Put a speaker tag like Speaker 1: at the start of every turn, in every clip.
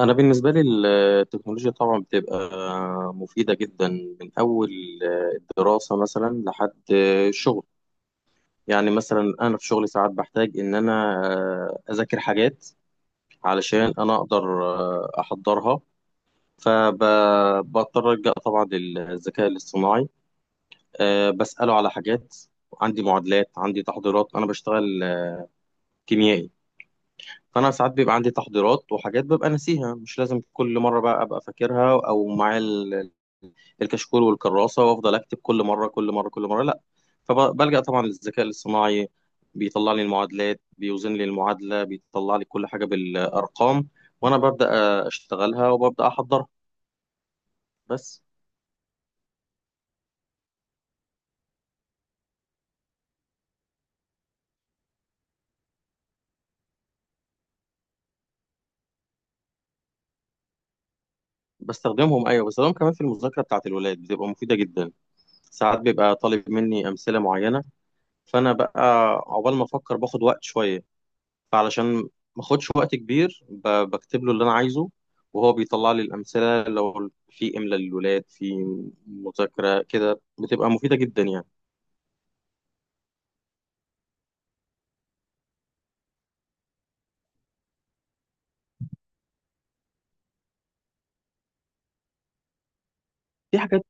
Speaker 1: أنا بالنسبة لي التكنولوجيا طبعا بتبقى مفيدة جدا من أول الدراسة مثلا لحد الشغل. يعني مثلا أنا في شغلي ساعات بحتاج إن أنا أذاكر حاجات علشان أنا أقدر أحضرها، فبضطر ألجأ طبعا للذكاء الاصطناعي. بسأله على حاجات عندي، معادلات عندي، تحضيرات. أنا بشتغل كيميائي، فانا ساعات بيبقى عندي تحضيرات وحاجات ببقى ناسيها، مش لازم كل مره بقى ابقى فاكرها او معايا الكشكول والكراسه وافضل اكتب كل مره كل مره كل مره، لا. فبلجأ طبعا للذكاء الاصطناعي، بيطلع لي المعادلات، بيوزن لي المعادله، بيطلع لي كل حاجه بالارقام، وانا ببدأ اشتغلها وببدأ احضرها بس. بستخدمهم، ايوه، بستخدمهم كمان في المذاكره بتاعه الولاد، بتبقى مفيده جدا. ساعات بيبقى طالب مني امثله معينه، فانا بقى عقبال ما افكر باخد وقت شويه، فعلشان ما اخدش وقت كبير بكتب له اللي انا عايزه وهو بيطلع لي الامثله. لو في املاء للولاد في مذاكره كده بتبقى مفيده جدا يعني. في حاجات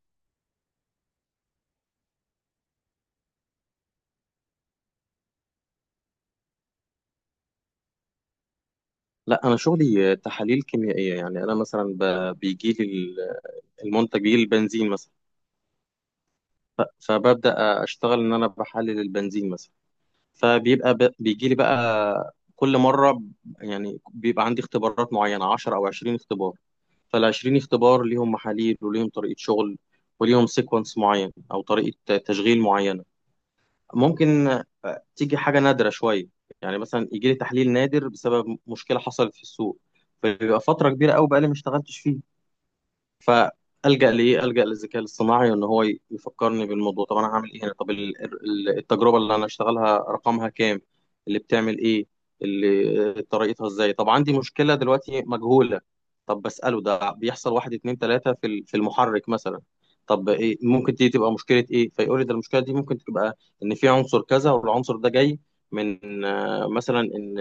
Speaker 1: لا. انا شغلي تحاليل كيميائيه، يعني انا مثلا بيجي لي المنتج، بيجي لي البنزين مثلا. ف- فببدا اشتغل ان انا بحلل البنزين مثلا. فبيبقى بيجي لي بقى كل مره، يعني بيبقى عندي اختبارات معينه 10 او 20 اختبار، فالعشرين اختبار ليهم محاليل وليهم طريقة شغل وليهم سيكونس معين أو طريقة تشغيل معينة. ممكن تيجي حاجة نادرة شوية، يعني مثلا يجي لي تحليل نادر بسبب مشكلة حصلت في السوق، فبيبقى فترة كبيرة أوي بقالي ما اشتغلتش فيه. فالجا لايه؟ الجا للذكاء الاصطناعي ان هو يفكرني بالموضوع. طب انا هعمل ايه هنا؟ طب التجربه اللي انا هشتغلها رقمها كام؟ اللي بتعمل ايه؟ اللي طريقتها ازاي؟ طب عندي مشكله دلوقتي مجهوله، طب بساله ده بيحصل واحد اتنين تلاته في في المحرك مثلا، طب ايه ممكن دي تبقى مشكله ايه؟ فيقول لي ده المشكله دي ممكن تبقى ان في عنصر كذا، والعنصر ده جاي من مثلا ان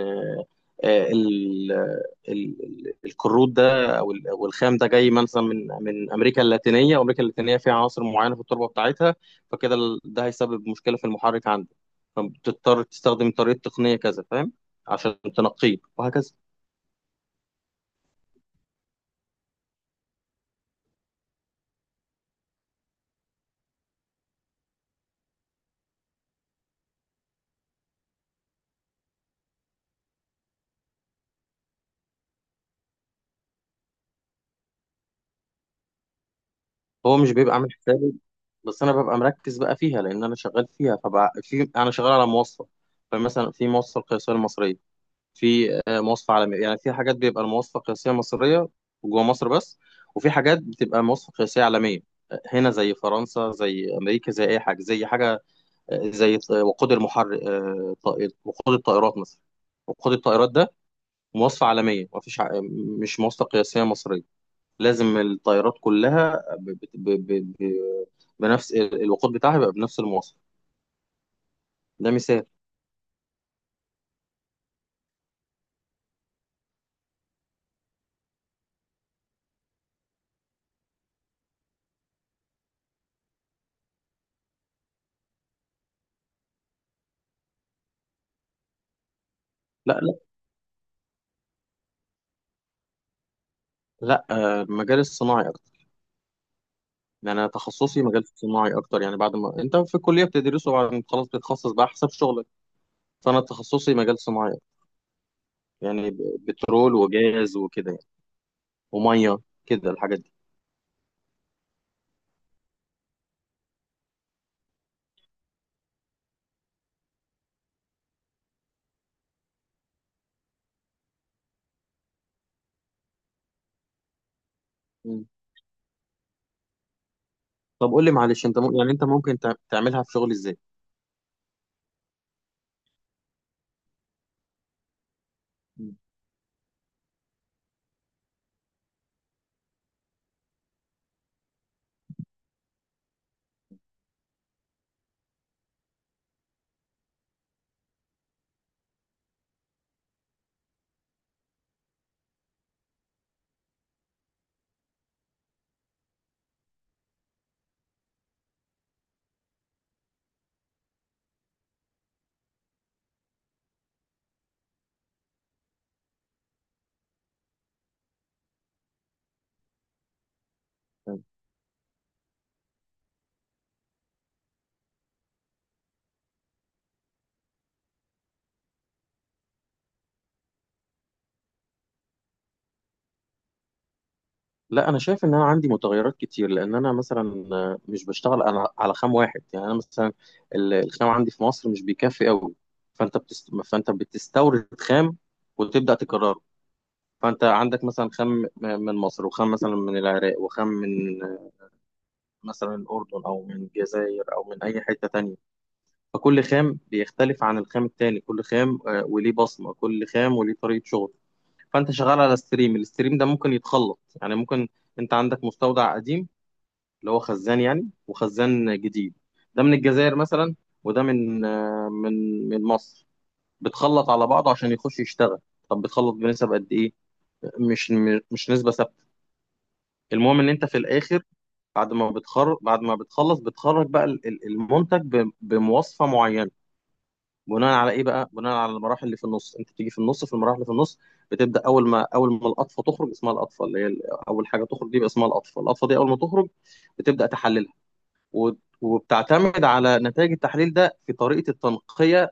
Speaker 1: آه، ال- ال- الكروت او والخام ده جاي مثلا من من امريكا اللاتينيه، وامريكا اللاتينيه فيها عناصر معينه في التربه بتاعتها، فكده ده هيسبب مشكله في المحرك عندك، فبتضطر تستخدم طريقه تقنيه كذا، فاهم؟ عشان تنقيه وهكذا. هو مش بيبقى عامل حسابي بس انا ببقى مركز بقى فيها لان انا شغال فيها. فبقى في، انا شغال على موصل، فمثلا في موصل قياسيه المصريه، في مواصفة عالمية. يعني في حاجات بيبقى المواصفة القياسية مصرية جوه مصر بس، وفي حاجات بتبقى مواصفة قياسية عالمية، هنا زي فرنسا زي أمريكا زي أي حاجة زي حاجة، زي وقود المحرك، وقود الطائرات مثلا. وقود الطائرات ده مواصفة عالمية، مفيش مش مواصفة قياسية مصرية، لازم الطائرات كلها بنفس الوقود بتاعها، يبقى بنفس المواصفة. ده مثال. لا لا، المجال الصناعي. يعني انا تخصصي مجال صناعي اكتر، يعني بعد ما انت في الكليه بتدرسه، بعد ما خلاص بتتخصص بقى حسب شغلك، فانا تخصصي مجال صناعي أكتر، يعني بترول وجاز وكده يعني، وميه كده الحاجات دي. مم. طب قول لي معلش، انت يعني انت ممكن تعملها في شغل ازاي؟ مم. تمام. لا انا شايف ان انا عندي متغيرات كتير، لان انا مثلا مش بشتغل انا على خام واحد. يعني انا مثلا الخام عندي في مصر مش بيكفي قوي، فانت بتستورد خام وتبدا تكرره. فانت عندك مثلا خام من مصر، وخام مثلا من العراق، وخام من مثلا الاردن، او من الجزائر، او من اي حته تانية. فكل خام بيختلف عن الخام التاني، كل خام وليه بصمه، كل خام وليه طريقه شغل. فانت شغال على ستريم، الستريم ده ممكن يتخلط، يعني ممكن انت عندك مستودع قديم اللي هو خزان يعني، وخزان جديد. ده من الجزائر مثلا، وده من من مصر، بتخلط على بعضه عشان يخش يشتغل. طب بتخلط بنسب قد ايه؟ مش مش نسبه ثابته. المهم ان انت في الاخر، بعد ما بتخرج، بعد ما بتخلص، بتخرج بقى المنتج بمواصفه معينه. بناء على ايه بقى؟ بناء على المراحل اللي في النص، انت بتيجي في النص في المراحل اللي في النص بتبدا. اول ما اول ما القطفه تخرج، اسمها القطفه اللي هي اول حاجه تخرج دي بقى اسمها القطفه. القطفه دي اول ما تخرج بتبدا تحللها، وبتعتمد على نتائج التحليل ده في طريقه التنقيه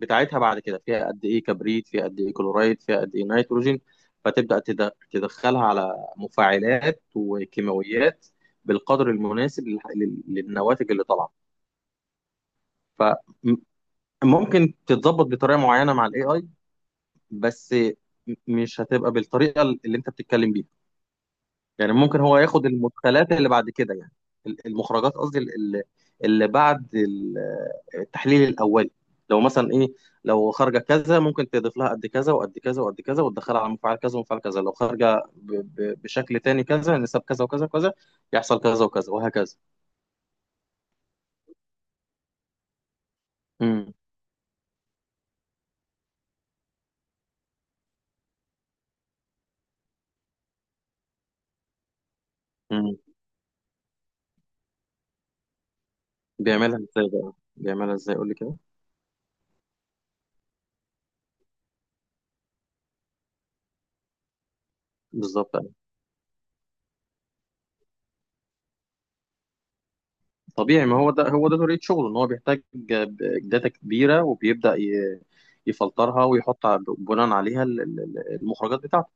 Speaker 1: بتاعتها بعد كده. فيها قد ايه كبريت، فيها قد ايه كلورايد، فيها قد ايه نيتروجين، فتبدأ تدخلها على مفاعلات وكيماويات بالقدر المناسب للنواتج اللي طالعه. فممكن تتظبط بطريقه معينه مع الاي اي بس، مش هتبقى بالطريقه اللي انت بتتكلم بيها. يعني ممكن هو ياخد المدخلات اللي بعد كده، يعني المخرجات قصدي، اللي بعد التحليل الاولي. لو مثلا ايه، لو خارجه كذا، ممكن تضيف لها قد كذا وقد كذا وقد كذا، وتدخلها على مفعل كذا ومفعل كذا. لو خارجه بشكل تاني كذا، يعني نسب كذا وكذا وكذا، يحصل كذا وكذا وهكذا. امم. امم. بيعملها ازاي بقى؟ بيعملها ازاي؟ قول لي كده. بالظبط، طبيعي، ما هو ده، هو ده طريقة شغله، ان هو بيحتاج داتا كبيرة وبيبدأ يفلترها ويحط بناء عليها المخرجات بتاعته.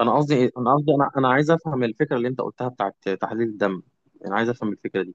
Speaker 1: انا قصدي إيه؟ انا قصدي، انا عايز افهم الفكرة اللي انت قلتها بتاعت تحليل الدم، انا عايز افهم الفكرة دي.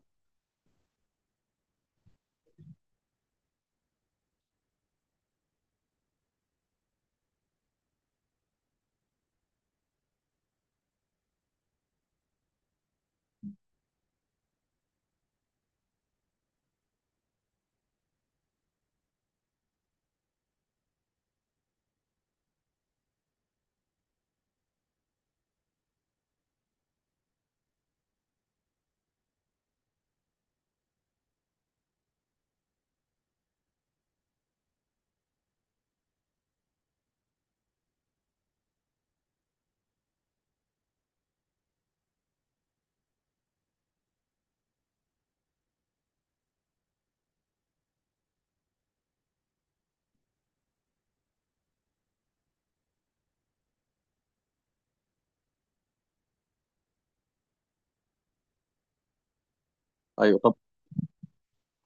Speaker 1: ايوه، طب.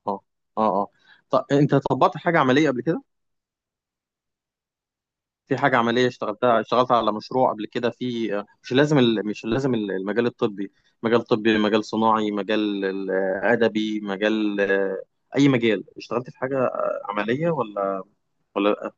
Speaker 1: اه اه اه. طب انت طبقت حاجة عملية قبل كده؟ في حاجة عملية اشتغلتها؟ اشتغلت على مشروع قبل كده في، مش لازم مش لازم المجال الطبي، مجال طبي، مجال صناعي، مجال أدبي، مجال أي مجال. اشتغلت في حاجة عملية ولا ولا لأ؟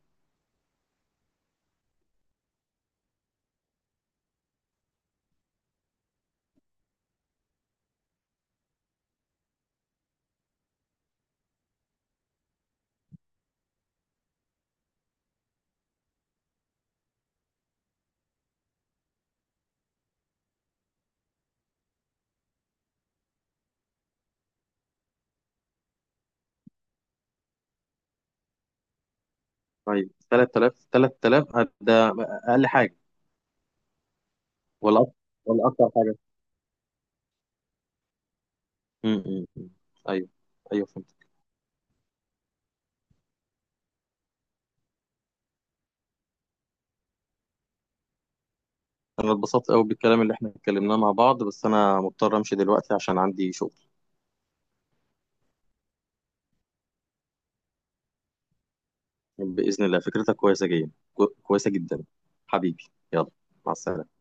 Speaker 1: طيب، 3000 ده أقل حاجة ولا أكتر؟ ولا أكتر حاجة؟ م- م- م. أيوه. أيوه، فهمت. أنا اتبسطت قوي بالكلام اللي احنا اتكلمناه مع بعض، بس أنا مضطر أمشي دلوقتي عشان عندي شغل. بإذن الله، فكرتك كويسة جدا، كويسة جدا، حبيبي، يلا، مع السلامة.